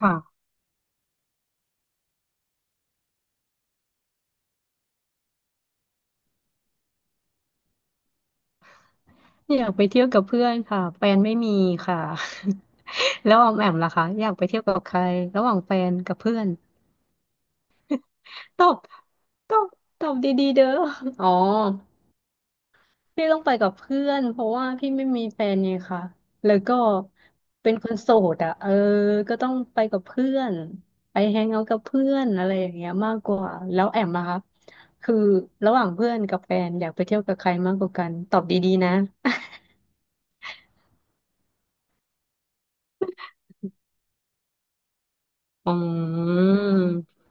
ค่ะอยากไปเที่ยวกับเพื่อนค่ะแฟนไม่มีค่ะ แล้วออมแอมล่ะคะอยากไปเที่ยวกับใครระหว่างแฟนกับเพื่อนตอบตอบตอบดีๆเด้ออ๋อพี่ต้องไปกับเพื่อนเพราะว่าพี่ไม่มีแฟนไงค่ะแล้วก็เป็นคนโสดอ่ะเออก็ต้องไปกับเพื่อนไปแฮงเอาท์กับเพื่อนอะไรอย่างเงี้ยมากกว่าแล้วแอมล่ะคะคือระหว่างเพื่อนกับแฟนอยากไปเที่ยวกับใครมากกว่ากันตอบดีๆนะ อืม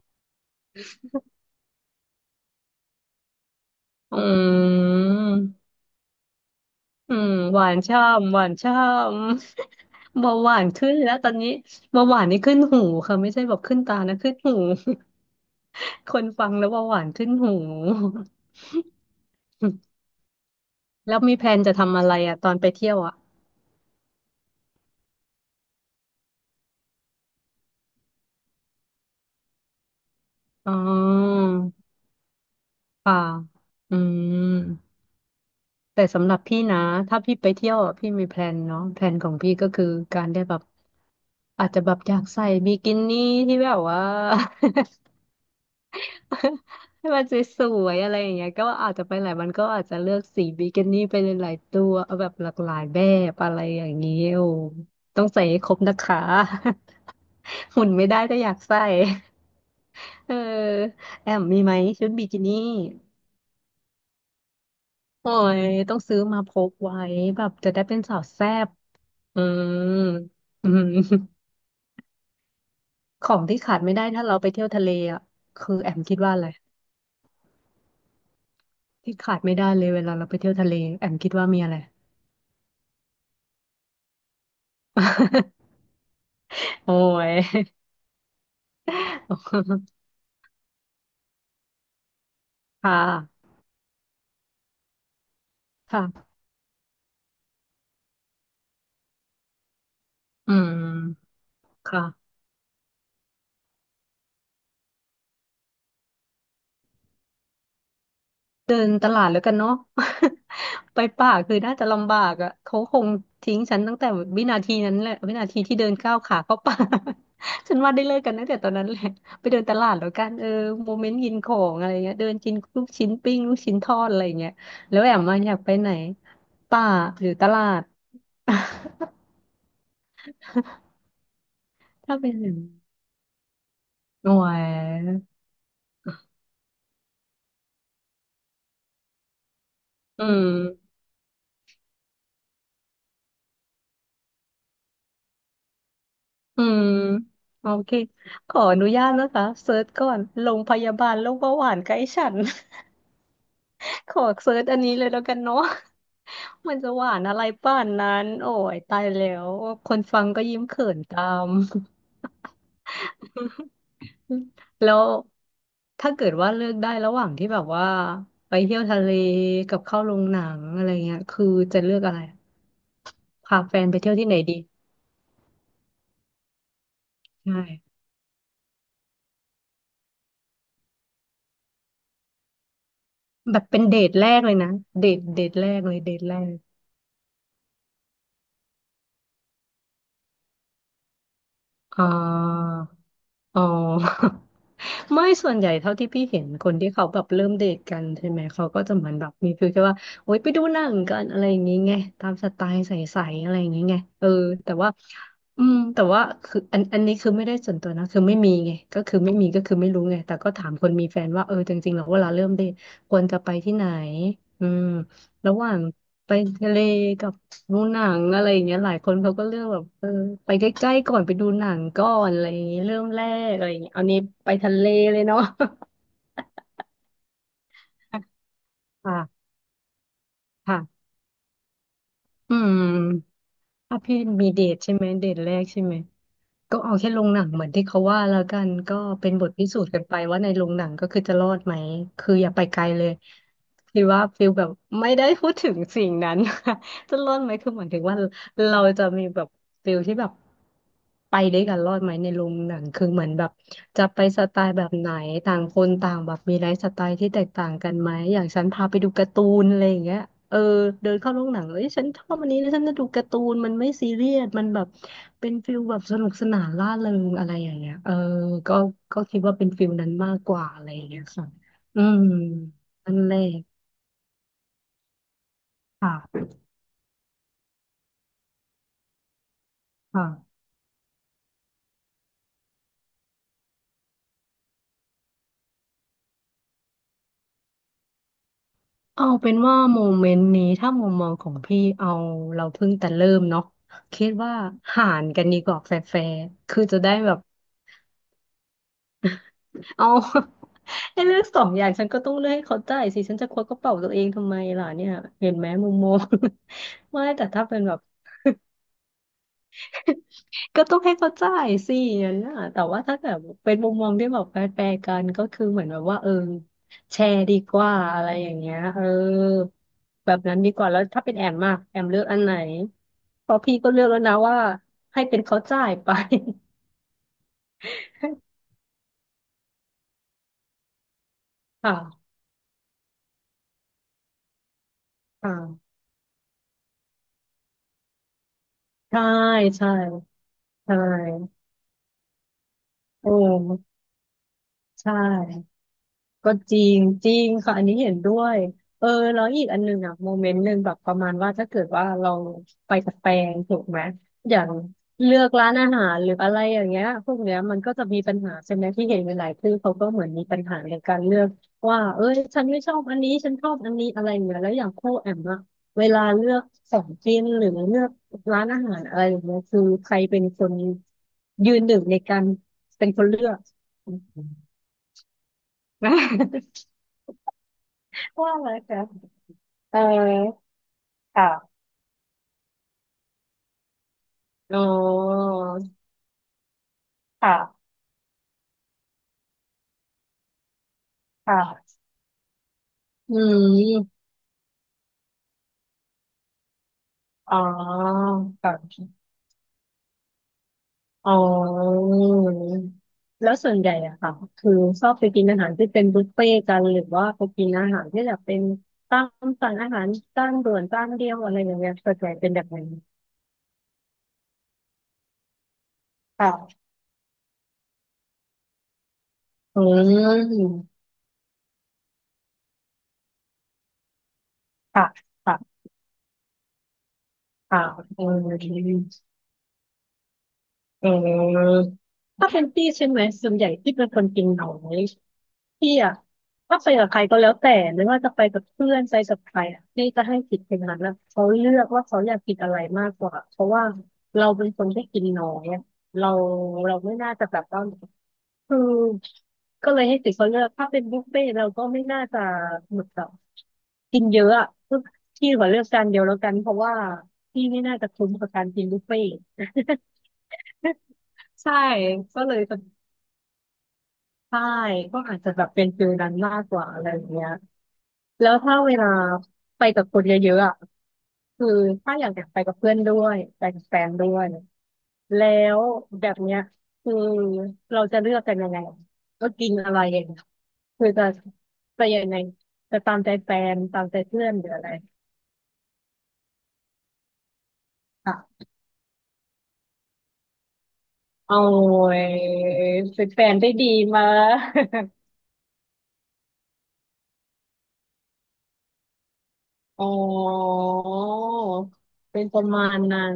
อืม อืมหวานช่ำหวานช่ำ เบาหวานขึ้นแล้วตอนนี้เบาหวานนี่ขึ้นหูค่ะไม่ใช่แบบขึ้นตานะขึ้นหู คนฟังแล้วเบาหวานขึ้นหู แล้วมีแพลนจะทำอะไรอ่ะตอนไปเที่ยวอ่ะอ๋อค่ะอืมแต่สำหรับพี่นะถ้าพี่ไปเที่ยวอะพี่มีแพลนเนาะแพลนของพี่ก็คือการได้แบบอาจจะแบบอยากใส่บิกินี่ที่แบบว่า ให้มันสวยๆอะไรอย่างเงี้ยก็อาจจะไปไหนมันก็อาจจะเลือกสีบิกินี่ไปหลายๆตัวเอาแบบหลากหลายแบบอะไรอย่างเงี้ยโอ้ต้องใส่ให้ครบนะคะ หุ่นไม่ได้แต่อยากใส่ เออแอมมีไหมชุดบิกินี่โอ้ยต้องซื้อมาพกไว้แบบจะได้เป็นสาวแซ่บอืม อืมของที่ขาดไม่ได้ถ้าเราไปเที่ยวทะเลอ่ะคือแอมคิดว่าอะไรที่ขาดไม่ได้เลยเวลาเราไปเที่ยวทะเลแอมคิดว่ามีอะไร โอ้ย ค่ะค่ะอืมค่ะเดินตลาดแล้วกันเนาะ ไปป่าคือน่าจะลำบากอ่ะเขาคงทิ้งฉันตั้งแต่วินาทีนั้นแหละวินาทีที่เดินก้าวขาเข้าป่า ฉันว่าได้เลิกกันตั้งแต่ตอนนั้นแหละไปเดินตลาดแล้วกันเออโมเมนต์กินของอะไรเงี้ยเดินกินลูกชิ้นปิ้งลูกชิ้นทอดอะไรเงี้ยแล้วแอมมาอยากไปไหนป่าหรือตลาด ถ้าเป็นอย่างนั้นโอ้ยอืม อืมโอเคขออนุญาตนะคะเซิร์ชก่อนโรงพยาบาลโรคเบาหวานใกล้ฉัน ขอเซิร์ชอันนี้เลยแล้วกันเนาะ มันจะหวานอะไรป่านนั้นโอ้ยตายแล้ว คนฟังก็ยิ้มเขินตาม แล้วถ้าเกิดว่าเลือกได้ระหว่างที่แบบว่าไปเที่ยวทะเลกับเข้าโรงหนังอะไรเงี้ยคือจะเลือกอะไร พาแฟนไปเที่ยวที่ไหนดีใช่แบบเป็นเดทแรกเลยนะเดทแรกเลยเดทแรกอ่า อ๋อ ไม่ส่วนใหญ่เท่าที่พี่เห็นคนที่เขาแบบเริ่มเดทกันใช่ไหมเขาก็จะเหมือนแบบมีฟีลแค่ว่าโอ๊ยไปดูหนังกันอะไรอย่างงี้ไงตามสไตล์ใสๆอะไรอย่างงี้ไงเออแต่ว่าอืมแต่ว่าคืออันนี้คือไม่ได้ส่วนตัวนะคือไม่มีไงก็คือไม่มีก็คือไม่รู้ไงแต่ก็ถามคนมีแฟนว่าเออจริงๆแล้วเวลาเริ่มเดทควรจะไปที่ไหนอืมระหว่าง ไปทะเลกับดูหนังอะไรอย่างเงี้ยหลายคนเขาก็เลือกแบบเออไปใกล้ๆก่อนไปดูหนังก่อนอะไรอย่างเงี้ยเริ่มแรกอะไรอย่างเงี้ยเอานี้ไปทะเลเลยเนาะ ค่ะค่ะอืมถ้าพี่มีเดทใช่ไหมเดทแรกใช่ไหมก็เอาแค่โรงหนังเหมือนที่เขาว่าแล้วกันก็เป็นบทพิสูจน์กันไปว่าในโรงหนังก็คือจะรอดไหมคืออย่าไปไกลเลยคือว่าฟิลแบบไม่ได้พูดถึงสิ่งนั้น จะรอดไหมคือหมายถึงว่า เราจะมีแบบฟิลที่แบบไปด้วยกันรอดไหมในโรงหนังคือเหมือนแบบจะไปสไตล์แบบไหนต่างคนต่างแบบมีไลฟ์สไตล์ที่แตกต่างกันไหมอย่างฉันพาไปดูการ์ตูนอะไรอย่างเงี้ยเออเดินเข้าโรงหนังเอ้ยฉันชอบอันนี้แล้วฉันจะดูการ์ตูนมันไม่ซีเรียสมันแบบเป็นฟิลแบบสนุกสนานร่าเริงอะไรอย่างเงี้ยเออก็ก็คิดว่าเป็นฟิลนั้นมากกว่าอะไรอย่างเงี้ยค่ะอืมอันแรกค่ะค่ะ เอาเป็นว่าโมเมนต์นี้ถ้ามุมมองของพี่เอาเราเพิ่งแต่เริ่มเนาะคิดว่าหารกันดีกว่าแฟร์ๆคือจะได้แบบเอา ให้เลือกสองอย่างฉันก็ต้องเลือกให้เขาจ่ายสิฉันจะควักกระเป๋าตัวเองทำไมล่ะเนี่ยเห็นไหมมุมมอง ไม่แต่ถ้าเป็นแบบ ก็ต้องให้เขาจ่ายสิอย่างนั้นน่ะแต่ว่าถ้าแบบเป็นมุมมองที่แบบแฟร์ๆกันก็คือเหมือนแบบว่าเออแชร์ดีกว่าอะไรอย่างเงี้ยเออแบบนั้นดีกว่า แล้วถ้าเป็นแอมเลือกอันไหนเพราะพี่ก็เลือกแล้วนะว่าให้เป็นเขาจ่ายไป ค่ะค่ะใช่ ใช่ ใช่โอ้ใช่ ก็จริงจริงค่ะอันนี้เห็นด้วยเออแล้วอีกอันหนึ่งอะโมเมนต์หนึ่งแบบประมาณว่าถ้าเกิดว่าเราไปกับแฟนถูกไหมอย่างเลือกร้านอาหารหรืออะไรอย่างเงี้ยพวกเนี้ยมันก็จะมีปัญหาใช่ไหมที่เห็นหลายๆคู่เขาก็เหมือนมีปัญหาในการเลือกว่าเอ้ยฉันไม่ชอบอันนี้ฉันชอบอันนี้อะไรอย่างเงี้ยแล้วอย่างคู่แอมอะเวลาเลือกของกินหรือเลือกร้านอาหารอะไรอย่างเงี้ยคือใครเป็นคนยืนหนึ่งในการเป็นคนเลือก ว่าอะไหมคะเออค่ะอ๋อค่ะค่ะอืมอ๋อค่ะอ๋อแล้วส่วนใหญ่อะค่ะคือชอบไปกินอาหารที่เป็นบุฟเฟ่ต์กันหรือว่าไปกินอาหารที่แบบเป็นตามสั่งอาหารจานด่วนจานเดียวอะไรอย่างเงี้ยส่วนใหญ่เป็นแบบนั้นค่ะอืมค่ะค่ะค่ะเออเออถ้าเป็นพี่ใช่ไหมส่วนใหญ่ที่เป็นคนกินน้อย พี่อะถ้าไปกับใครก็แล้วแต่ไม่ว่าจะไปกับเพื่อนไปกับใครอะพี่จะให้สิทธิ์คนนั้นอะเขาเลือกว่าเขาอยากกินอะไรมากกว่าเพราะว่าเราเป็นคนที่กินน้อยอะเราเราไม่น่าจะแบบว่าคือก็เลยให้สิทธิ์เขาเลือกถ้าเป็นบุฟเฟ่ต์เราก็ไม่น่าจะหมดอนบกินเยอะอะคือพี่ขอเลือกจานเดียวแล้วกันเพราะว่าพี่ไม่น่าจะคุ้มกับการกินบุฟเฟ่ต์ ใช่ก็เลยจะใช่ก็อาจจะแบบเป็นฟิลนั้นมากกว่าอะไรอย่างเงี้ย แล้วถ้าเวลาไปกับคนเยอะๆอ่ะคือถ้าอยากอยาะไปกับเพื่อนด้วยไปกับแฟนด้วยแล้วแบบเนี้ยคือเราจะเลือกกันยังไงก็กินอะไรเองคือจะยังไงจะตามใจแฟนตามใจเพื่อนหรืออะไรอ่ะเอาไอ้ยเป็นแฟนได้ดีมา อ๋อเป็นประมาณนั้น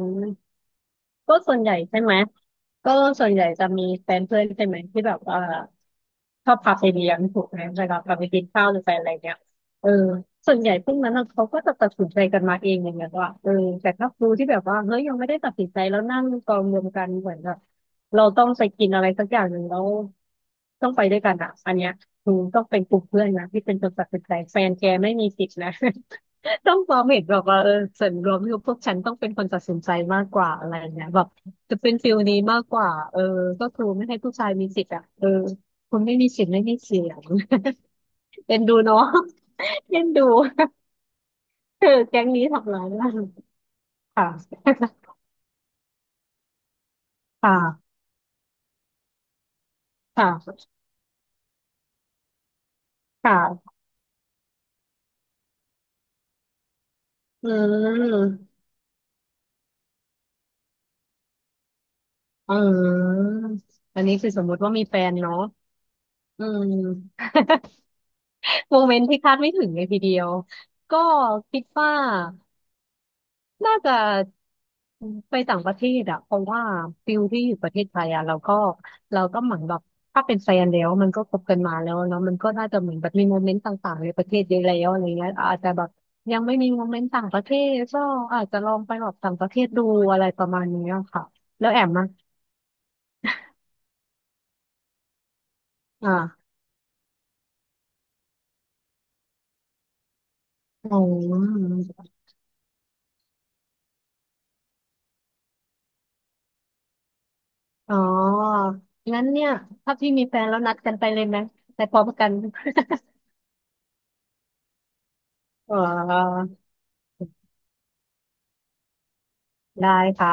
ก็ส่วนใหญ่ใช่ไหมก็ส่วนใหญ่จะมีแฟนเพื่อนใช่ไหมที่แบบว่า ชอบพาไปเลี้ยงถูกไหมเวลาพาไปกินข้าวหรือไปอะไรเนี้ยเออส่วนใหญ่พวกนั้นน่ะเขาก็จะตัดสินใจกันมาเองอย่างเงี้ยว่าเออแต่ถ้าครูที่แบบว่าเฮ้ยยังไม่ได้ตัดสินใจแล้วนั่งกองรวมกันเหมือนแบบเราต้องไปกินอะไรสักอย่างหนึ่งแล้วต้องไปด้วยกันอ่ะอันเนี้ยครูต้องเป็นกลุ่มเพื่อนนะที่เป็นคนตัดสินใจแฟนแกไม่มีสิทธิ์นะ ต้องความเห็นแบบว่าเออส่วนรวมที่พวกฉันต้องเป็นคนตัดสินใจมากกว่าอะไรเงี้ยแบบจะเป็นฟิลนี้มากกว่าเออก็คือไม่ให้ผู้ชายมีสิทธิ์อ่ะเออคุณไม่มีสิทธิ์ไม่มีเสียง เอ็นดูเนาะ เอ็นดู เออแก๊งนี้ทำร้ายร่างค่ะค่ะค่ะค่ะอืมอืมอันนี้คือสมมติว่ามีแฟนเนาะอืม โมเมนต์ที่คาดไม่ถึงเลยทีเดียวก็คิดว่า น่าจะไปต่างประเทศอะเพราะว่าฟิลที่อยู่ประเทศไทยอะเราก็เหมือนแบบถ้าเป็นแฟนแล้วมันก็คบกันมาแล้วเนาะมันก็น่าจะเหมือนแบบมีโมเมนต์ต่างๆในประเทศเยอะแล้วอะไรเงี้ยอาจจะแบบยังไม่มีโมเมนต์ต่างประเทศก็อาจจะลองไปแบบต่างประเทศดูอะไรประมาณนี้ค่ะแล้วแอมอะอ่าอ๋ออ๋องั้นเนี่ยถ้าพี่มีแฟนแล้วนัดกันไปเลยไหมไปพร้อมกัน อ๋อได้ค่ะ